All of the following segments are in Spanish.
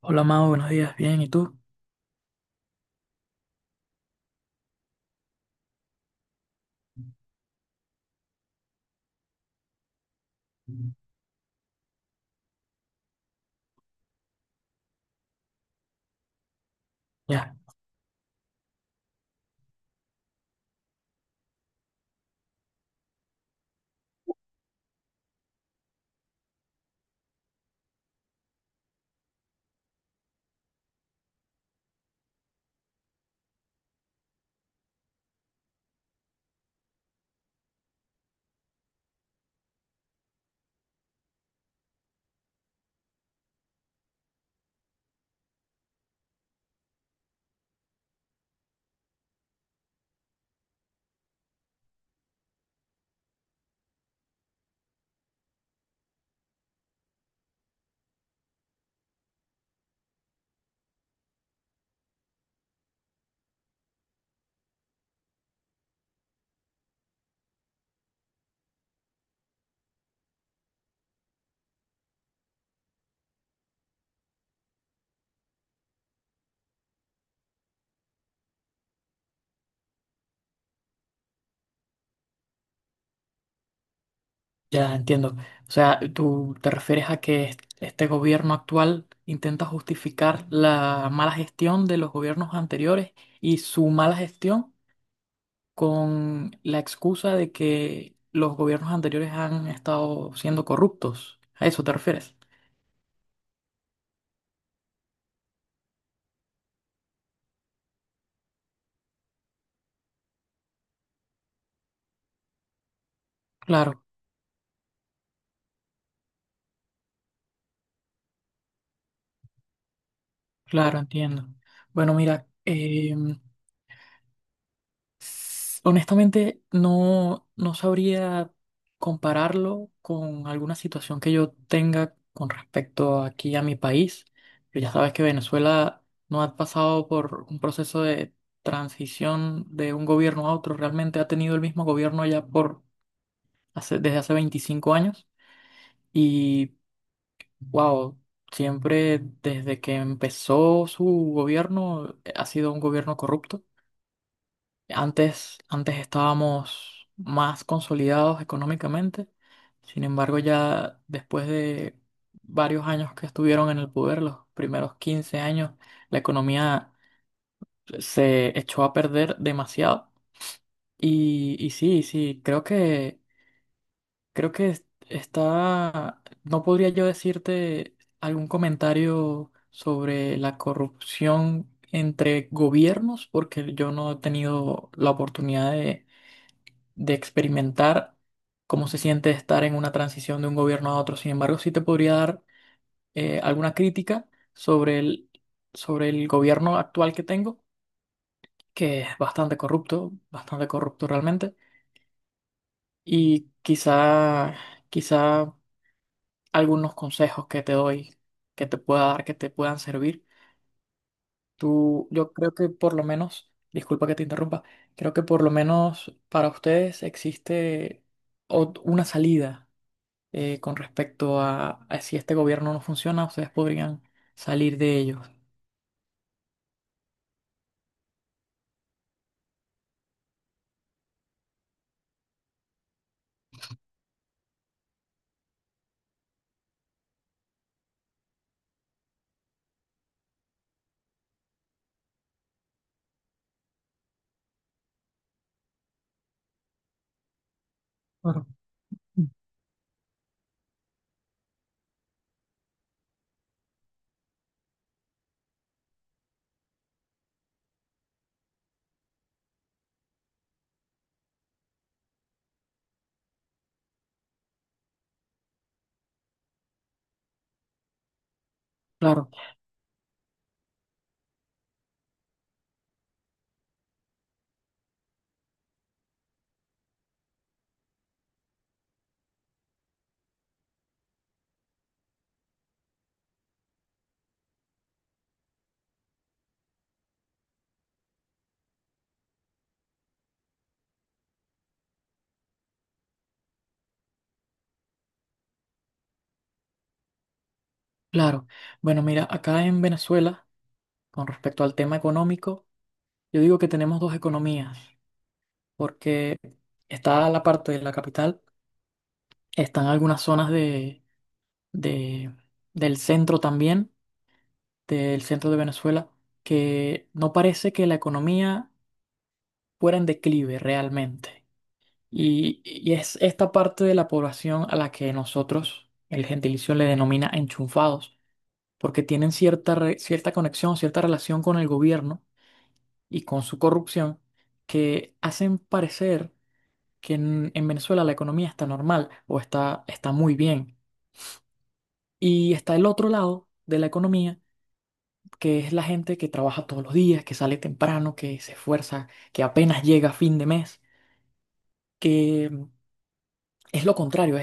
Hola Mao, buenos días, bien, ¿y tú? Ya, ya, entiendo. O sea, tú te refieres a que este gobierno actual intenta justificar la mala gestión de los gobiernos anteriores y su mala gestión con la excusa de que los gobiernos anteriores han estado siendo corruptos. ¿A eso te refieres? Claro, claro, entiendo. Bueno, mira, honestamente, no sabría compararlo con alguna situación que yo tenga con respecto aquí a mi país. Pero ya sabes que Venezuela no ha pasado por un proceso de transición de un gobierno a otro. Realmente ha tenido el mismo gobierno ya por desde hace 25 años. Y wow, siempre desde que empezó su gobierno ha sido un gobierno corrupto. Antes, antes estábamos más consolidados económicamente, sin embargo ya después de varios años que estuvieron en el poder, los primeros 15 años, la economía se echó a perder demasiado. Y sí, sí, creo que está, no podría yo decirte algún comentario sobre la corrupción entre gobiernos, porque yo no he tenido la oportunidad de experimentar cómo se siente estar en una transición de un gobierno a otro. Sin embargo, sí te podría dar alguna crítica sobre sobre el gobierno actual que tengo, que es bastante corrupto realmente, y quizá algunos consejos que te doy, que te pueda dar, que te puedan servir. Tú, yo creo que por lo menos, disculpa que te interrumpa, creo que por lo menos para ustedes existe una salida con respecto a si este gobierno no funciona, ustedes podrían salir de ellos. Claro. Claro, claro. Bueno, mira, acá en Venezuela, con respecto al tema económico, yo digo que tenemos dos economías, porque está la parte de la capital, están algunas zonas de- del centro también, del centro de Venezuela, que no parece que la economía fuera en declive realmente. Y es esta parte de la población a la que nosotros, el gentilicio, le denomina enchufados, porque tienen cierta conexión, cierta relación con el gobierno y con su corrupción, que hacen parecer que en Venezuela la economía está normal o está muy bien. Y está el otro lado de la economía, que es la gente que trabaja todos los días, que sale temprano, que se esfuerza, que apenas llega a fin de mes, que es lo contrario,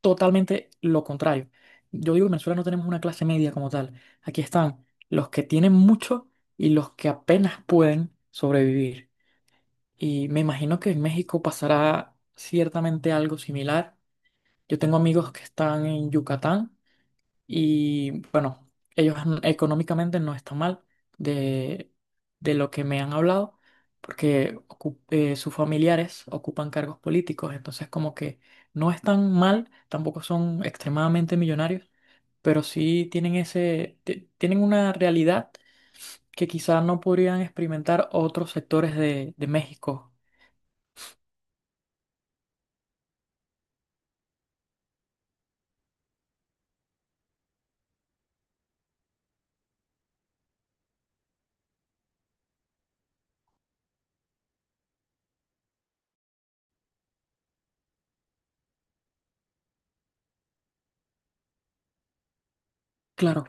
totalmente lo contrario. Yo digo que en Venezuela no tenemos una clase media como tal. Aquí están los que tienen mucho y los que apenas pueden sobrevivir. Y me imagino que en México pasará ciertamente algo similar. Yo tengo amigos que están en Yucatán y bueno, económicamente no están mal de, de lo que me han hablado, porque sus familiares ocupan cargos políticos, entonces como que no están mal, tampoco son extremadamente millonarios, pero sí tienen tienen una realidad que quizás no podrían experimentar otros sectores de México. Claro,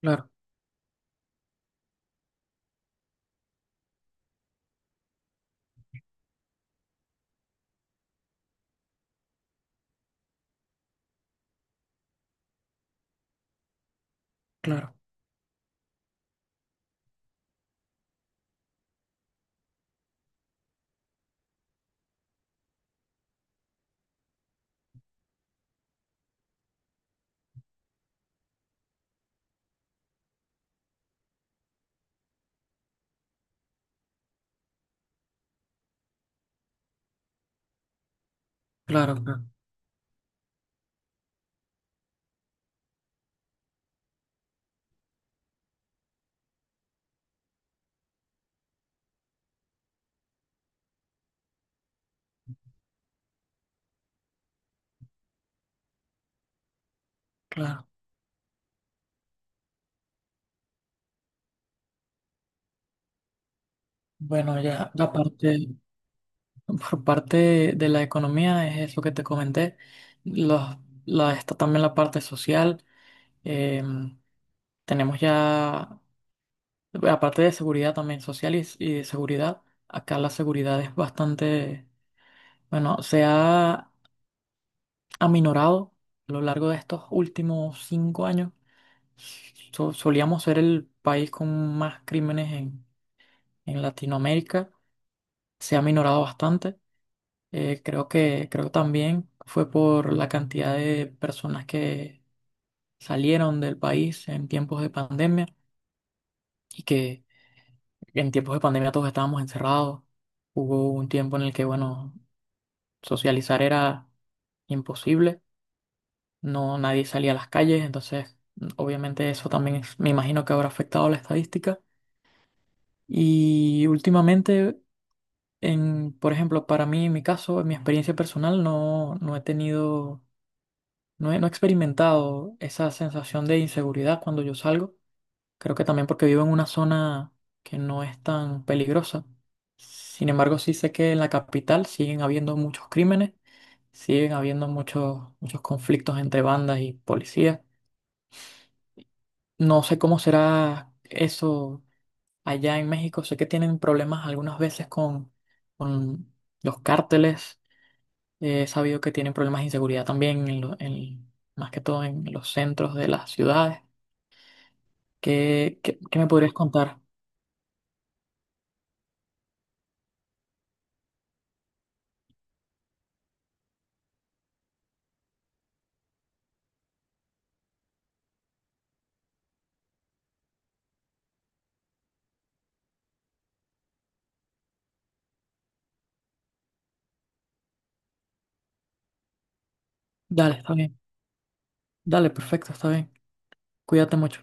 claro, claro, claro, claro, claro. Bueno, ya la parte. Por parte de, la economía, es lo que te comenté. Los, está también la parte social. eh, Tenemos ya, aparte de seguridad también social y de seguridad, acá la seguridad es bastante, bueno, se ha aminorado a lo largo de estos últimos 5 años. Solíamos ser el país con más crímenes en Latinoamérica. Se ha aminorado bastante. Creo que también fue por la cantidad de personas que salieron del país en tiempos de pandemia y que en tiempos de pandemia todos estábamos encerrados. Hubo un tiempo en el que, bueno, socializar era imposible, no nadie salía a las calles, entonces obviamente eso también me imagino que habrá afectado la estadística. Y últimamente, por ejemplo, para mí, en mi caso, en mi experiencia personal, no no he experimentado esa sensación de inseguridad cuando yo salgo. Creo que también porque vivo en una zona que no es tan peligrosa. Sin embargo, sí sé que en la capital siguen habiendo muchos crímenes, siguen habiendo muchos, muchos conflictos entre bandas y policías. No sé cómo será eso allá en México. Sé que tienen problemas algunas veces con los cárteles. He sabido que tienen problemas de inseguridad también, más que todo en los centros de las ciudades. ¿ Qué me podrías contar? Dale, está bien. Dale, perfecto, está bien. Cuídate mucho.